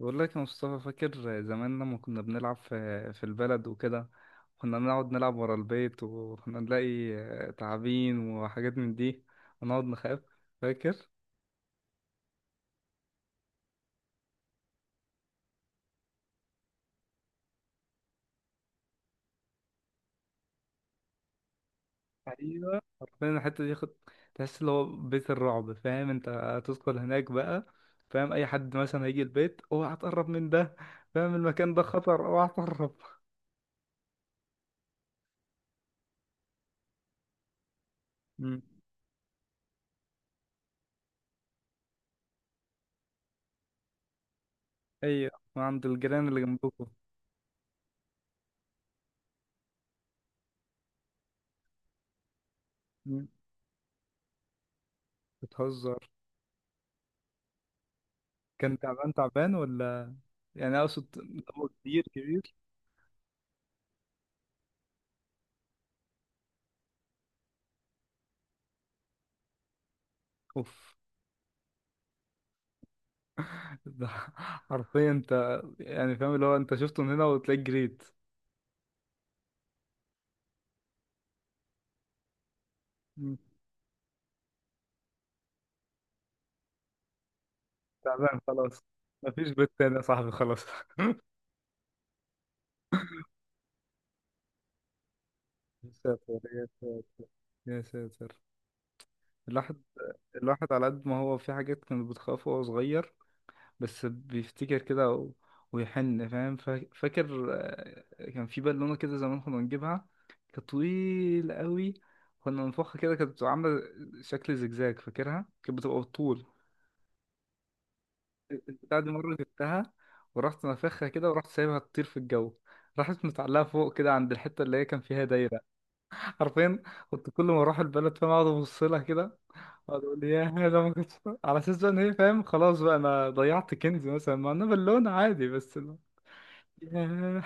بقول لك يا مصطفى، فاكر زمان لما كنا بنلعب في البلد وكده؟ كنا نقعد نلعب ورا البيت وكنا نلاقي تعابين وحاجات من دي، ونقعد نخاف. فاكر؟ ايوه. فاهم الحتة دي؟ خد، تحس اللي هو بيت الرعب. فاهم؟ انت هتدخل هناك بقى. فاهم؟ اي حد مثلا هيجي البيت اوعى تقرب من ده. فاهم؟ المكان ده خطر، اوعى تقرب. مم. ايوه، وعند الجيران اللي جنبكم. مم. بتهزر. كان تعبان تعبان، ولا يعني اقصد، هو كبير كبير؟ اوف، ده. حرفيا انت، يعني فاهم اللي هو انت شفته من هنا وتلاقيك جريت. مم. تعبان خلاص. مفيش بيت تاني يا صاحبي، خلاص. يا ساتر يا ساتر، يا ساتر. الواحد، الواحد على قد ما هو في حاجات كان بتخافه وهو صغير، بس بيفتكر كده، و... ويحن، فاهم، فاكر كان في بالونة كده زمان كنا بنجيبها. كانت طويلة قوي. كنا بنفخها كده كانت بتبقى عاملة شكل زجزاج. فاكرها كانت بتبقى بالطول بتاع دي. مرة جبتها ورحت نافخها كده، ورحت سايبها تطير في الجو. راحت متعلقة فوق كده عند الحتة اللي هي كان فيها دايرة. حرفيا كنت كل ما أروح البلد، فاهم، أقعد أبص لها كده. أقعد أقول يا ده ما كنتش، على أساس بقى إن هي، فاهم، خلاص بقى أنا ضيعت كنز مثلا، مع إنها بالونة عادي. بس لا. ياه.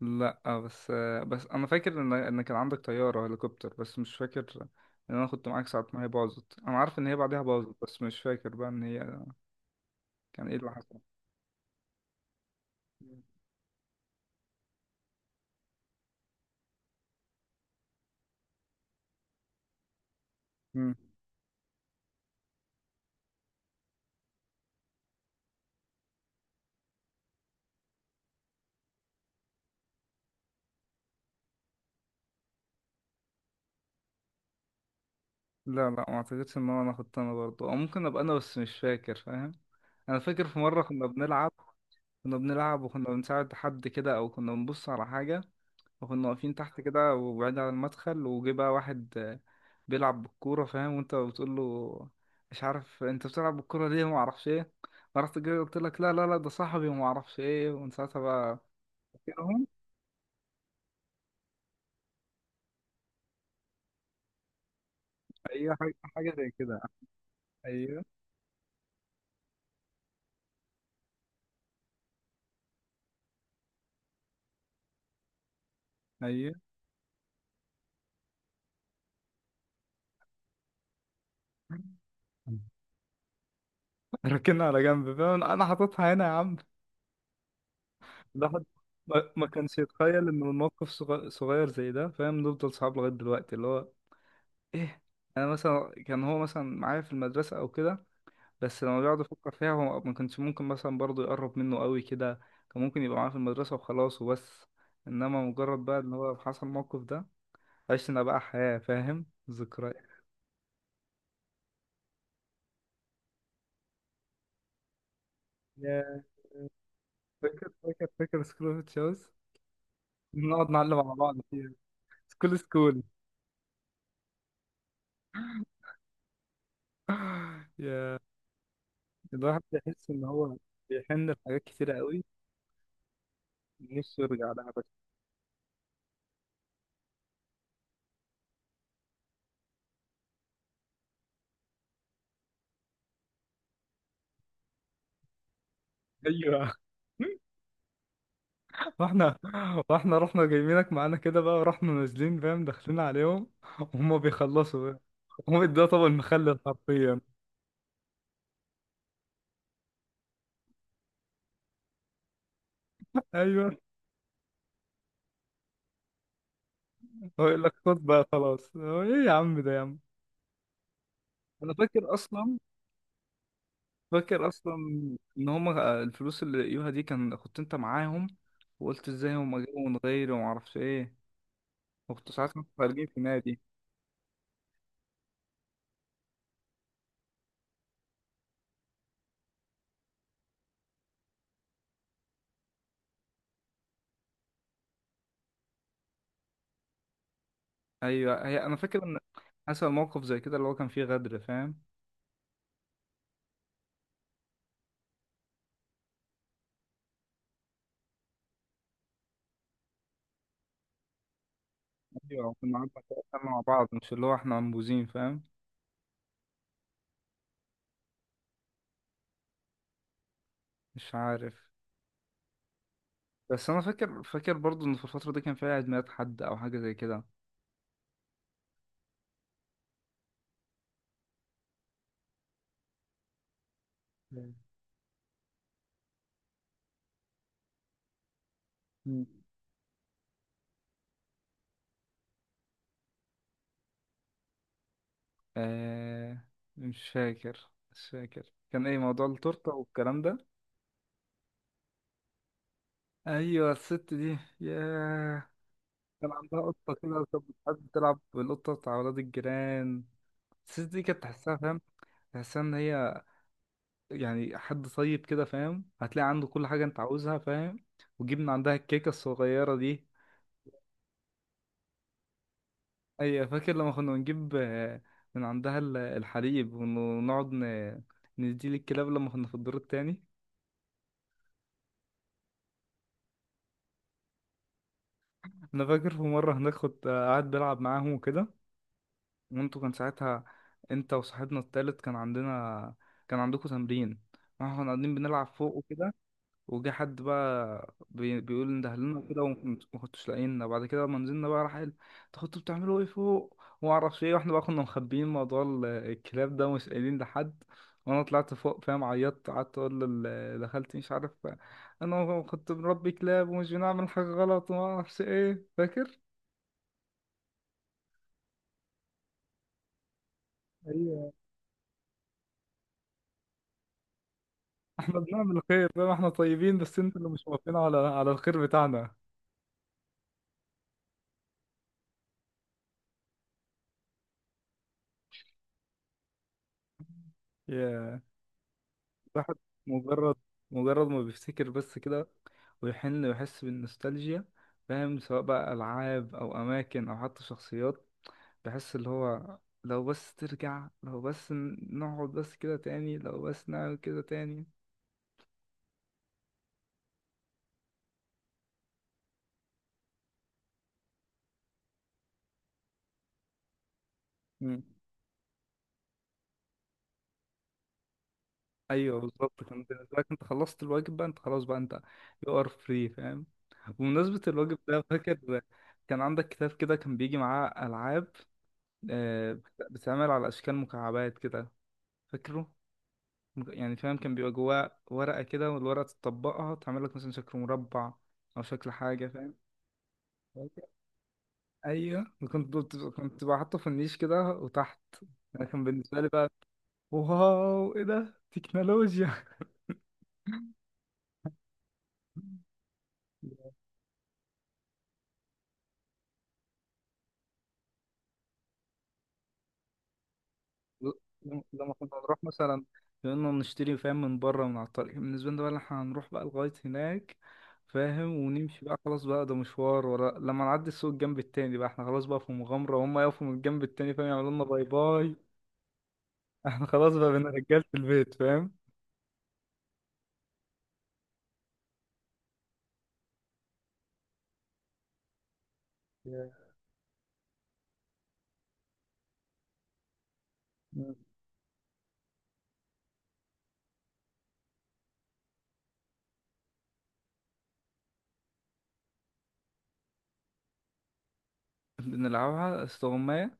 لا بس بس أنا فاكر إن كان عندك طيارة هليكوبتر، بس مش فاكر إن أنا كنت معاك ساعة ما هي باظت. أنا عارف إن هي بعدها باظت، بس مش فاكر بقى إن هي كان إيه اللي حصل. مم. لا لا، ما اعتقدش ان انا اخدت انا برضه، او ممكن ابقى انا، بس مش فاكر، فاهم. انا فاكر في مره كنا بنلعب، كنا بنلعب وكنا بنساعد حد كده، او كنا بنبص على حاجه، وكنا واقفين تحت كده وبعيد عن المدخل، وجه بقى واحد بيلعب بالكوره، فاهم، وانت بتقول له مش عارف انت بتلعب بالكوره ليه وما اعرفش ايه. فرحت جاي قلت لك لا لا لا، ده صاحبي وما اعرفش ايه، ومن ساعتها بقى. فاكرهم. ايوه، حاجة زي كده. ايوه ايوه. ركنها على جنب، فاهم، انا حاططها هنا يا عم. الواحد ما كانش يتخيل ان الموقف صغير زي ده، فاهم، نفضل صحاب لغايه دلوقتي، اللي هو ايه. انا مثلا كان هو مثلا معايا في المدرسه او كده، بس لما بيقعد يفكر فيها هو ما كانش ممكن مثلا برضه يقرب منه قوي كده. كان ممكن يبقى معايا في المدرسه وخلاص وبس. انما مجرد بقى ان هو حصل الموقف ده، عشنا بقى حياه، فاهم، ذكريات. يا فاكر فاكر فاكر سكول اوف تشاوز. نقعد نعلم على بعض فيها. سكول سكول. يا الواحد بيحس ان هو بيحن لحاجات كتيرة قوي. نص يرجع لها بس. ايوه، واحنا، واحنا رحنا جايبينك معانا كده بقى، ورحنا نازلين، فاهم، داخلين عليهم وهم بيخلصوا. هم ده طبق المخلل حرفيا. ايوه، هو يقول لك خد بقى خلاص، هو ايه يا عم ده يا عم. انا فاكر اصلا، فاكر اصلا ان هم الفلوس اللي لقيوها دي كان كنت انت معاهم، وقلت ازاي هم جابوا من غيري وما اعرفش ايه. وكنت ساعات كنا خارجين في نادي. ايوه، هي انا فاكر ان حصل موقف زي كده اللي هو كان فيه غدر، فاهم. ايوه كنا قعدنا، كنا مع بعض، مش اللي هو احنا منبوذين، فاهم. مش عارف. بس انا فاكر، فاكر برضو ان في الفتره دي كان في عيد ميلاد حد او حاجه زي كده. مم. آه، مش فاكر، مش فاكر كان ايه موضوع التورته والكلام ده. ايوه الست دي، ياه. كان عندها قطه كده، كانت بتحب تلعب بالقطه بتاع ولاد الجيران. الست دي كانت تحسها، فاهم، تحسها ان هي يعني حد طيب كده، فاهم، هتلاقي عنده كل حاجه انت عاوزها، فاهم. وجبنا عندها الكيكه الصغيره دي. ايوه فاكر لما كنا بنجيب من عندها الحليب ونقعد نديه للكلاب لما كنا في الدور التاني. انا فاكر في مره هناك كنت قاعد بلعب معاهم وكده، وانتوا كان ساعتها، انت وصاحبنا التالت كان عندنا، كان عندكم تمرين، واحنا كنا قاعدين بنلعب فوق وكده، وجه حد بقى بيقول ان ده لنا كده وما كنتوش لاقينا. بعد كده لما نزلنا بقى راح قال انتوا كنتوا بتعملوا ايه فوق وما اعرفش ايه، واحنا بقى كنا مخبيين موضوع الكلاب ده، مش قايلين لحد. وانا طلعت فوق، فاهم، عيطت، قعدت اقول لخالتي مش عارف، انا كنت بنربي كلاب ومش بنعمل حاجه غلط وما اعرفش ايه، فاكر؟ ايوه. احنا بنعمل خير، فاهم، احنا طيبين، بس انتوا اللي مش موافقين على الخير بتاعنا. ياه. الواحد، مجرد مجرد ما بيفتكر بس كده ويحن ويحس بالنوستالجيا، فاهم، سواء بقى ألعاب أو أماكن أو حتى شخصيات. بحس اللي هو لو بس ترجع، لو بس نقعد بس كده تاني، لو بس نعمل كده تاني. مم. أيوه بالظبط، كان بالنسبة لك أنت خلصت الواجب بقى أنت، خلاص بقى أنت you are free، فاهم. بمناسبة الواجب ده، فاكر كان عندك كتاب كده كان بيجي معاه ألعاب، بتتعمل على أشكال مكعبات كده، فاكره؟ يعني فاهم كان بيبقى جواه ورقة كده، والورقة تطبقها تعمل لك مثلا شكل مربع، أو شكل حاجة، فاهم. أيوه، وكنت كنت كنت بحطه في النيش كده وتحت. أنا كان بالنسبة لي بقى، واو، إيه ده، تكنولوجيا. ل- لما كنا نروح مثلا، كنا نشتري، فاهم، من بره من على الطريق، كان بالنسبة لنا بقى إن احنا هنروح بقى لغاية هناك، فاهم، ونمشي بقى خلاص بقى ده مشوار ورا، لما نعدي السوق الجنب التاني بقى احنا خلاص بقى في مغامرة، وهم يقفوا من الجنب التاني، فاهم، يعملوا لنا باي باي. احنا خلاص بقى بين رجالة البيت، فاهم. Yeah. مم. بنلعبها استغماية.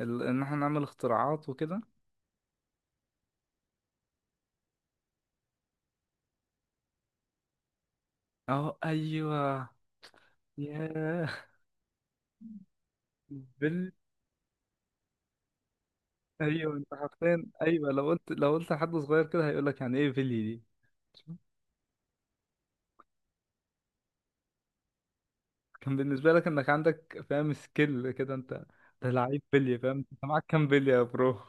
ان احنا نعمل اختراعات وكده. اهو ايوه. ياه. بال ايوه انت حرفيا، ايوه لو قلت لحد صغير كده هيقول لك يعني ايه بلي دي. شوف، كان بالنسبة لك انك عندك، فاهم، سكيل كده انت، ده لعيب بلي، فاهم، انت معاك كام بلي يا برو.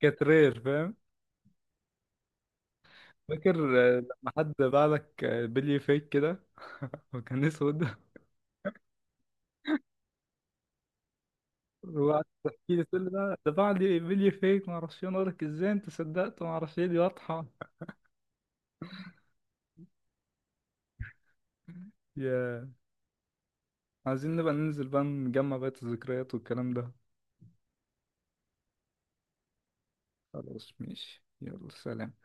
كانت رير، فاهم. فاكر لما حد باع لك بلي فيك كده وكان اسود. وقعدت تحكي لي تقول لي ده بعد فيديو فيك ما اعرفش إيه. انا اقول لك ازاي انت صدقت، ما اعرفش ايه، دي واضحه. يا عايزين نبقى ننزل بقى نجمع بقية الذكريات والكلام ده. خلاص ماشي، يلا سلام.